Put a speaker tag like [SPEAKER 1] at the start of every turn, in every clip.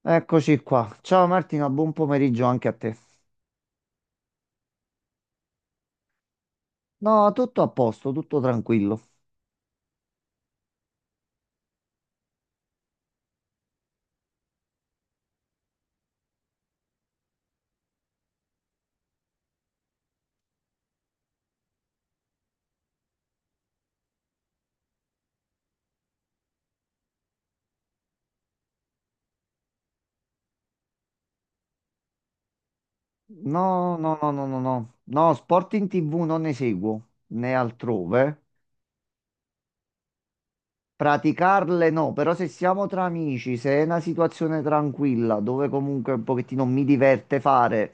[SPEAKER 1] Eccoci qua. Ciao Martina, buon pomeriggio anche a te. No, tutto a posto, tutto tranquillo. No, no, no, no, no, no. No, sport in TV non ne seguo, né altrove. Praticarle no, però se siamo tra amici, se è una situazione tranquilla, dove comunque un pochettino mi diverte fare,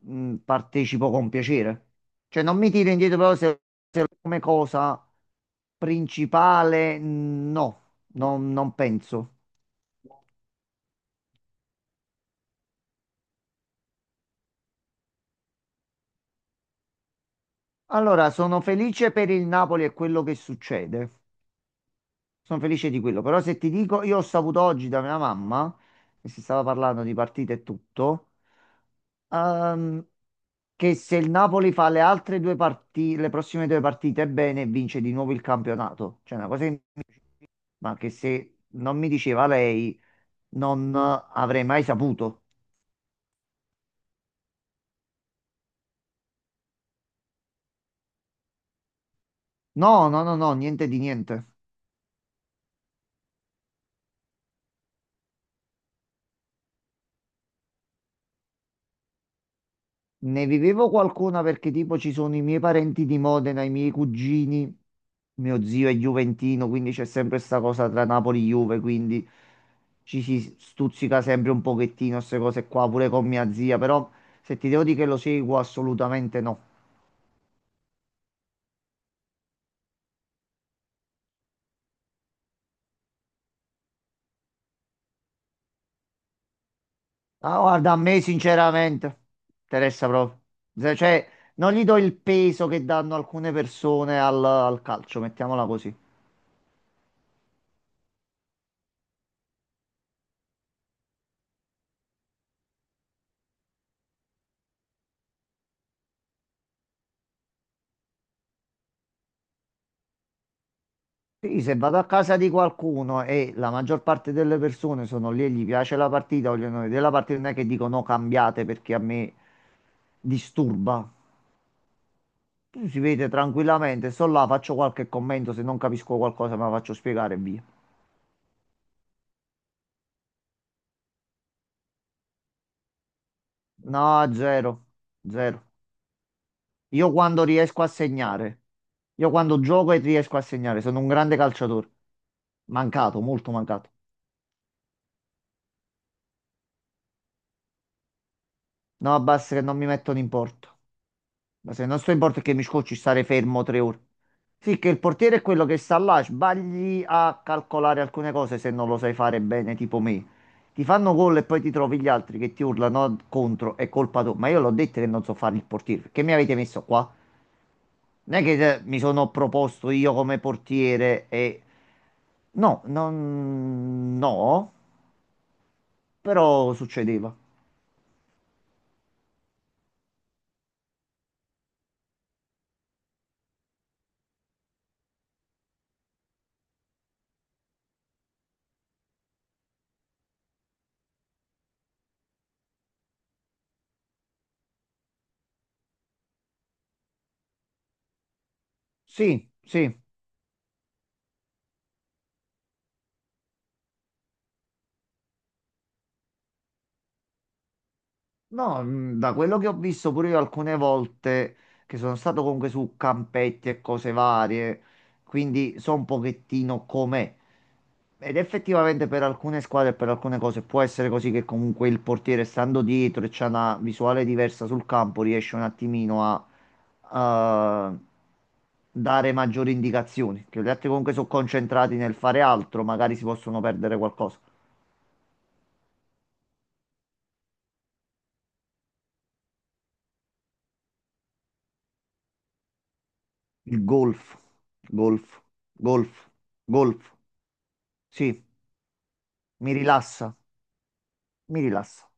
[SPEAKER 1] partecipo con piacere. Cioè non mi tiro indietro, però se, se come cosa principale, no, non penso. Allora, sono felice per il Napoli e quello che succede. Sono felice di quello. Però se ti dico, io ho saputo oggi da mia mamma, che si stava parlando di partite e tutto, ehm, che se il Napoli fa le altre due partite, le prossime due partite bene, vince di nuovo il campionato. Cioè, una cosa ma che se non mi diceva lei, non avrei mai saputo. No, no, no, no, niente di niente. Ne vivevo qualcuna perché tipo ci sono i miei parenti di Modena, i miei cugini, mio zio è giuventino, quindi c'è sempre questa cosa tra Napoli e Juve, quindi ci si stuzzica sempre un pochettino queste cose qua, pure con mia zia, però se ti devo dire che lo seguo assolutamente no. Ah, guarda, a me sinceramente interessa proprio. Cioè, non gli do il peso che danno alcune persone al, al calcio, mettiamola così. Sì, se vado a casa di qualcuno e la maggior parte delle persone sono lì e gli piace la partita, vogliono vedere la partita, non è che dico no, cambiate perché a me disturba. Si vede tranquillamente, sto là, faccio qualche commento, se non capisco qualcosa me la faccio spiegare e via. No, zero, zero. Io quando riesco a segnare, io quando gioco e riesco a segnare, sono un grande calciatore. Mancato, molto mancato. No, basta che non mi mettono in porto. Ma se non sto in porto è che mi scocci stare fermo tre ore. Sì, che il portiere è quello che sta là, sbagli a calcolare alcune cose se non lo sai fare bene, tipo me. Ti fanno gol e poi ti trovi gli altri che ti urlano contro, è colpa tua. Ma io l'ho detto che non so fare il portiere, perché mi avete messo qua? Non è che mi sono proposto io come portiere e... No, non... no, però succedeva. Sì, sì. No, da quello che ho visto pure io alcune volte che sono stato comunque su campetti e cose varie, quindi so un pochettino com'è. Ed effettivamente per alcune squadre e per alcune cose può essere così che comunque il portiere stando dietro e c'ha una visuale diversa sul campo riesce un attimino a dare maggiori indicazioni, che gli altri comunque sono concentrati nel fare altro, magari si possono perdere qualcosa. Il golf, golf, golf, golf. Sì, mi rilassa, mi rilassa.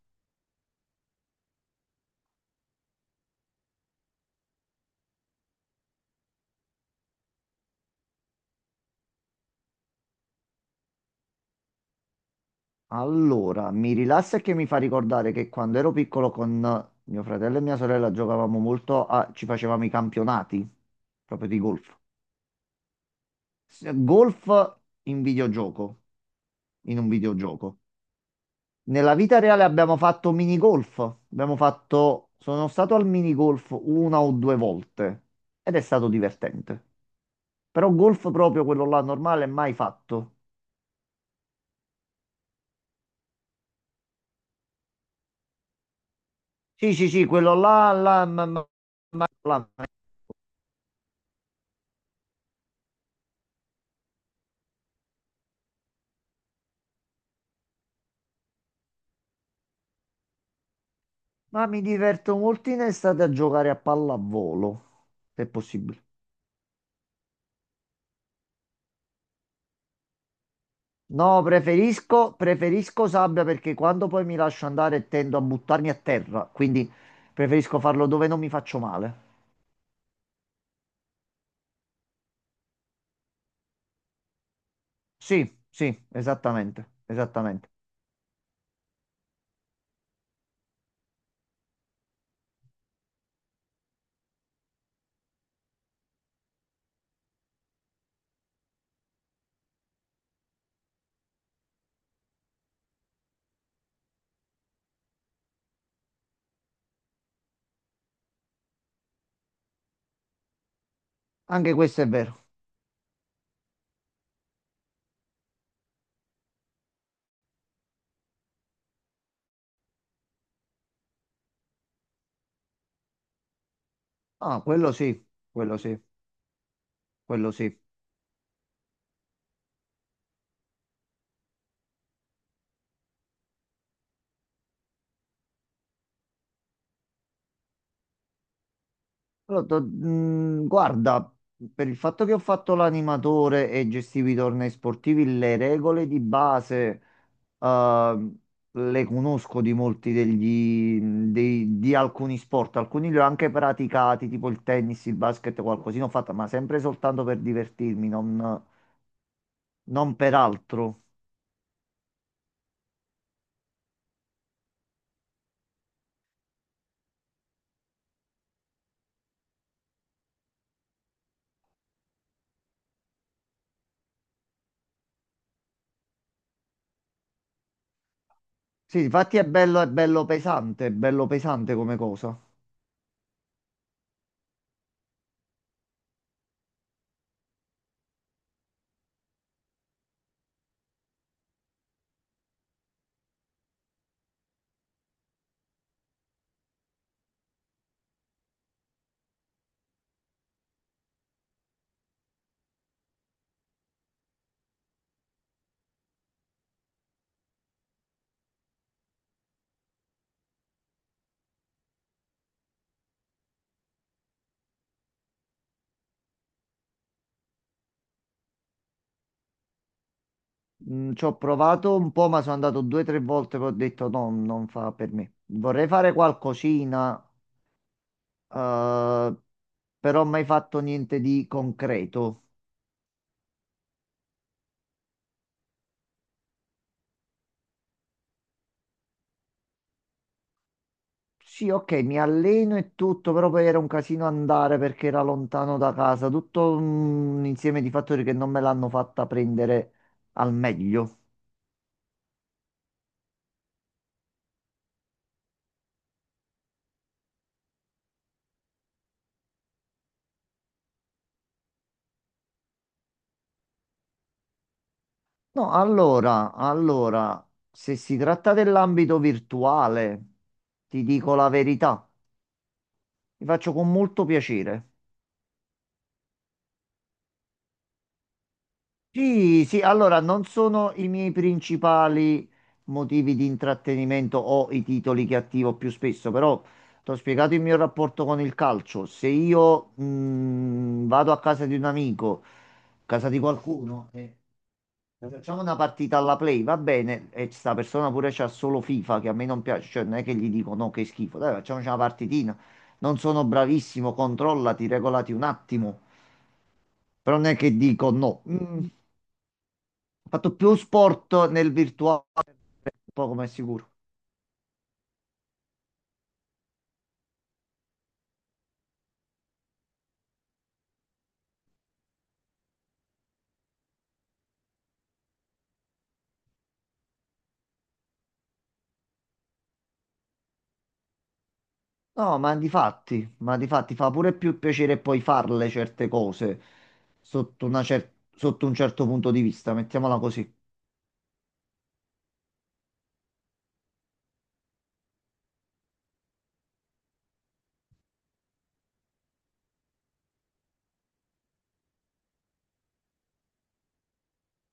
[SPEAKER 1] Allora, mi rilassa e che mi fa ricordare che quando ero piccolo con mio fratello e mia sorella giocavamo ci facevamo i campionati proprio di golf. Golf in videogioco, in un videogioco. Nella vita reale abbiamo fatto mini golf, sono stato al mini golf una o due volte ed è stato divertente. Però golf proprio quello là normale mai fatto. Sì, sì, sì, quello là, là, là, là. Ma mi diverto molto in estate a giocare a pallavolo, se è possibile. No, preferisco sabbia perché quando poi mi lascio andare tendo a buttarmi a terra, quindi preferisco farlo dove non mi faccio male. Sì, sì, esattamente, esattamente. Anche questo è vero. Ah, quello sì, quello sì, quello sì. Allora, guarda, per il fatto che ho fatto l'animatore e gestivo i tornei sportivi, le regole di base eh, le conosco di molti di alcuni sport. Alcuni li ho anche praticati, tipo il tennis, il basket, qualcosina ho fatto, ma sempre soltanto per divertirmi, non per altro. Sì, infatti è bello pesante come cosa. Ci ho provato un po', ma sono andato due o tre volte che ho detto no, non fa per me. Vorrei fare qualcosina, eh, però mai fatto niente di concreto. Sì, ok, mi alleno e tutto, però poi era un casino andare perché era lontano da casa. Tutto un insieme di fattori che non me l'hanno fatta prendere al meglio. No, allora, se si tratta dell'ambito virtuale, ti dico la verità, mi faccio con molto piacere. Sì, sì, allora non sono i miei principali motivi di intrattenimento o i titoli che attivo più spesso, però ti ho spiegato il mio rapporto con il calcio. Se io vado a casa di un amico, a casa di qualcuno e facciamo una partita alla play, va bene, e sta persona pure c'ha solo FIFA che a me non piace, cioè non è che gli dico no, che schifo, dai, facciamoci una partitina. Non sono bravissimo, controllati, regolati un attimo. Però non è che dico no. Ho fatto più sport nel virtuale, poco ma è sicuro. No, ma di fatti fa pure più piacere poi farle certe cose sotto un certo punto di vista, mettiamola così.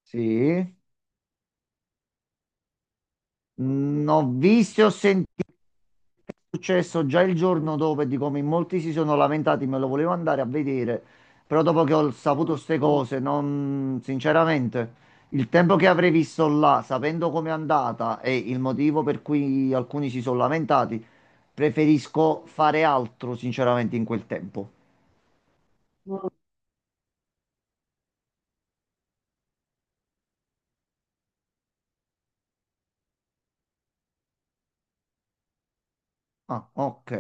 [SPEAKER 1] Sì. Ho visto e ho sentito è successo già il giorno dopo e di come in molti si sono lamentati, me lo volevo andare a vedere, però dopo che ho saputo queste cose, non, sinceramente, il tempo che avrei visto là, sapendo com'è andata e il motivo per cui alcuni si sono lamentati, preferisco fare altro, sinceramente, in quel tempo. Ah, ok.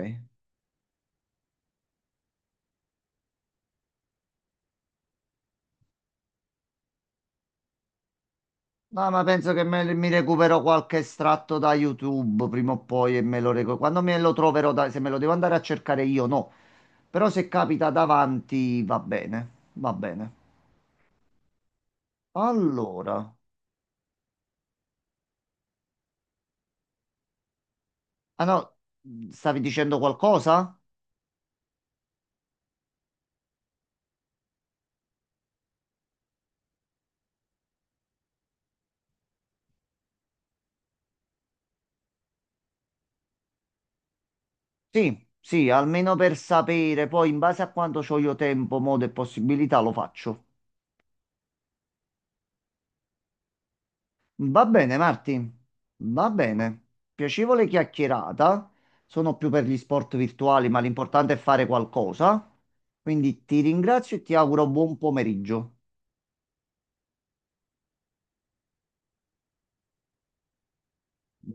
[SPEAKER 1] No, ma penso che mi recupero qualche estratto da YouTube prima o poi e me lo recupero. Quando me lo troverò, se me lo devo andare a cercare io, no. Però se capita davanti, va bene. Va bene. Allora. Ah no, stavi dicendo qualcosa? Sì, sì, almeno per sapere. Poi, in base a quanto ho io tempo, modo e possibilità, lo faccio. Va bene, Marti, va bene. Piacevole chiacchierata. Sono più per gli sport virtuali, ma l'importante è fare qualcosa. Quindi ti ringrazio e ti auguro buon pomeriggio.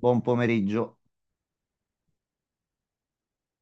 [SPEAKER 1] Buon pomeriggio.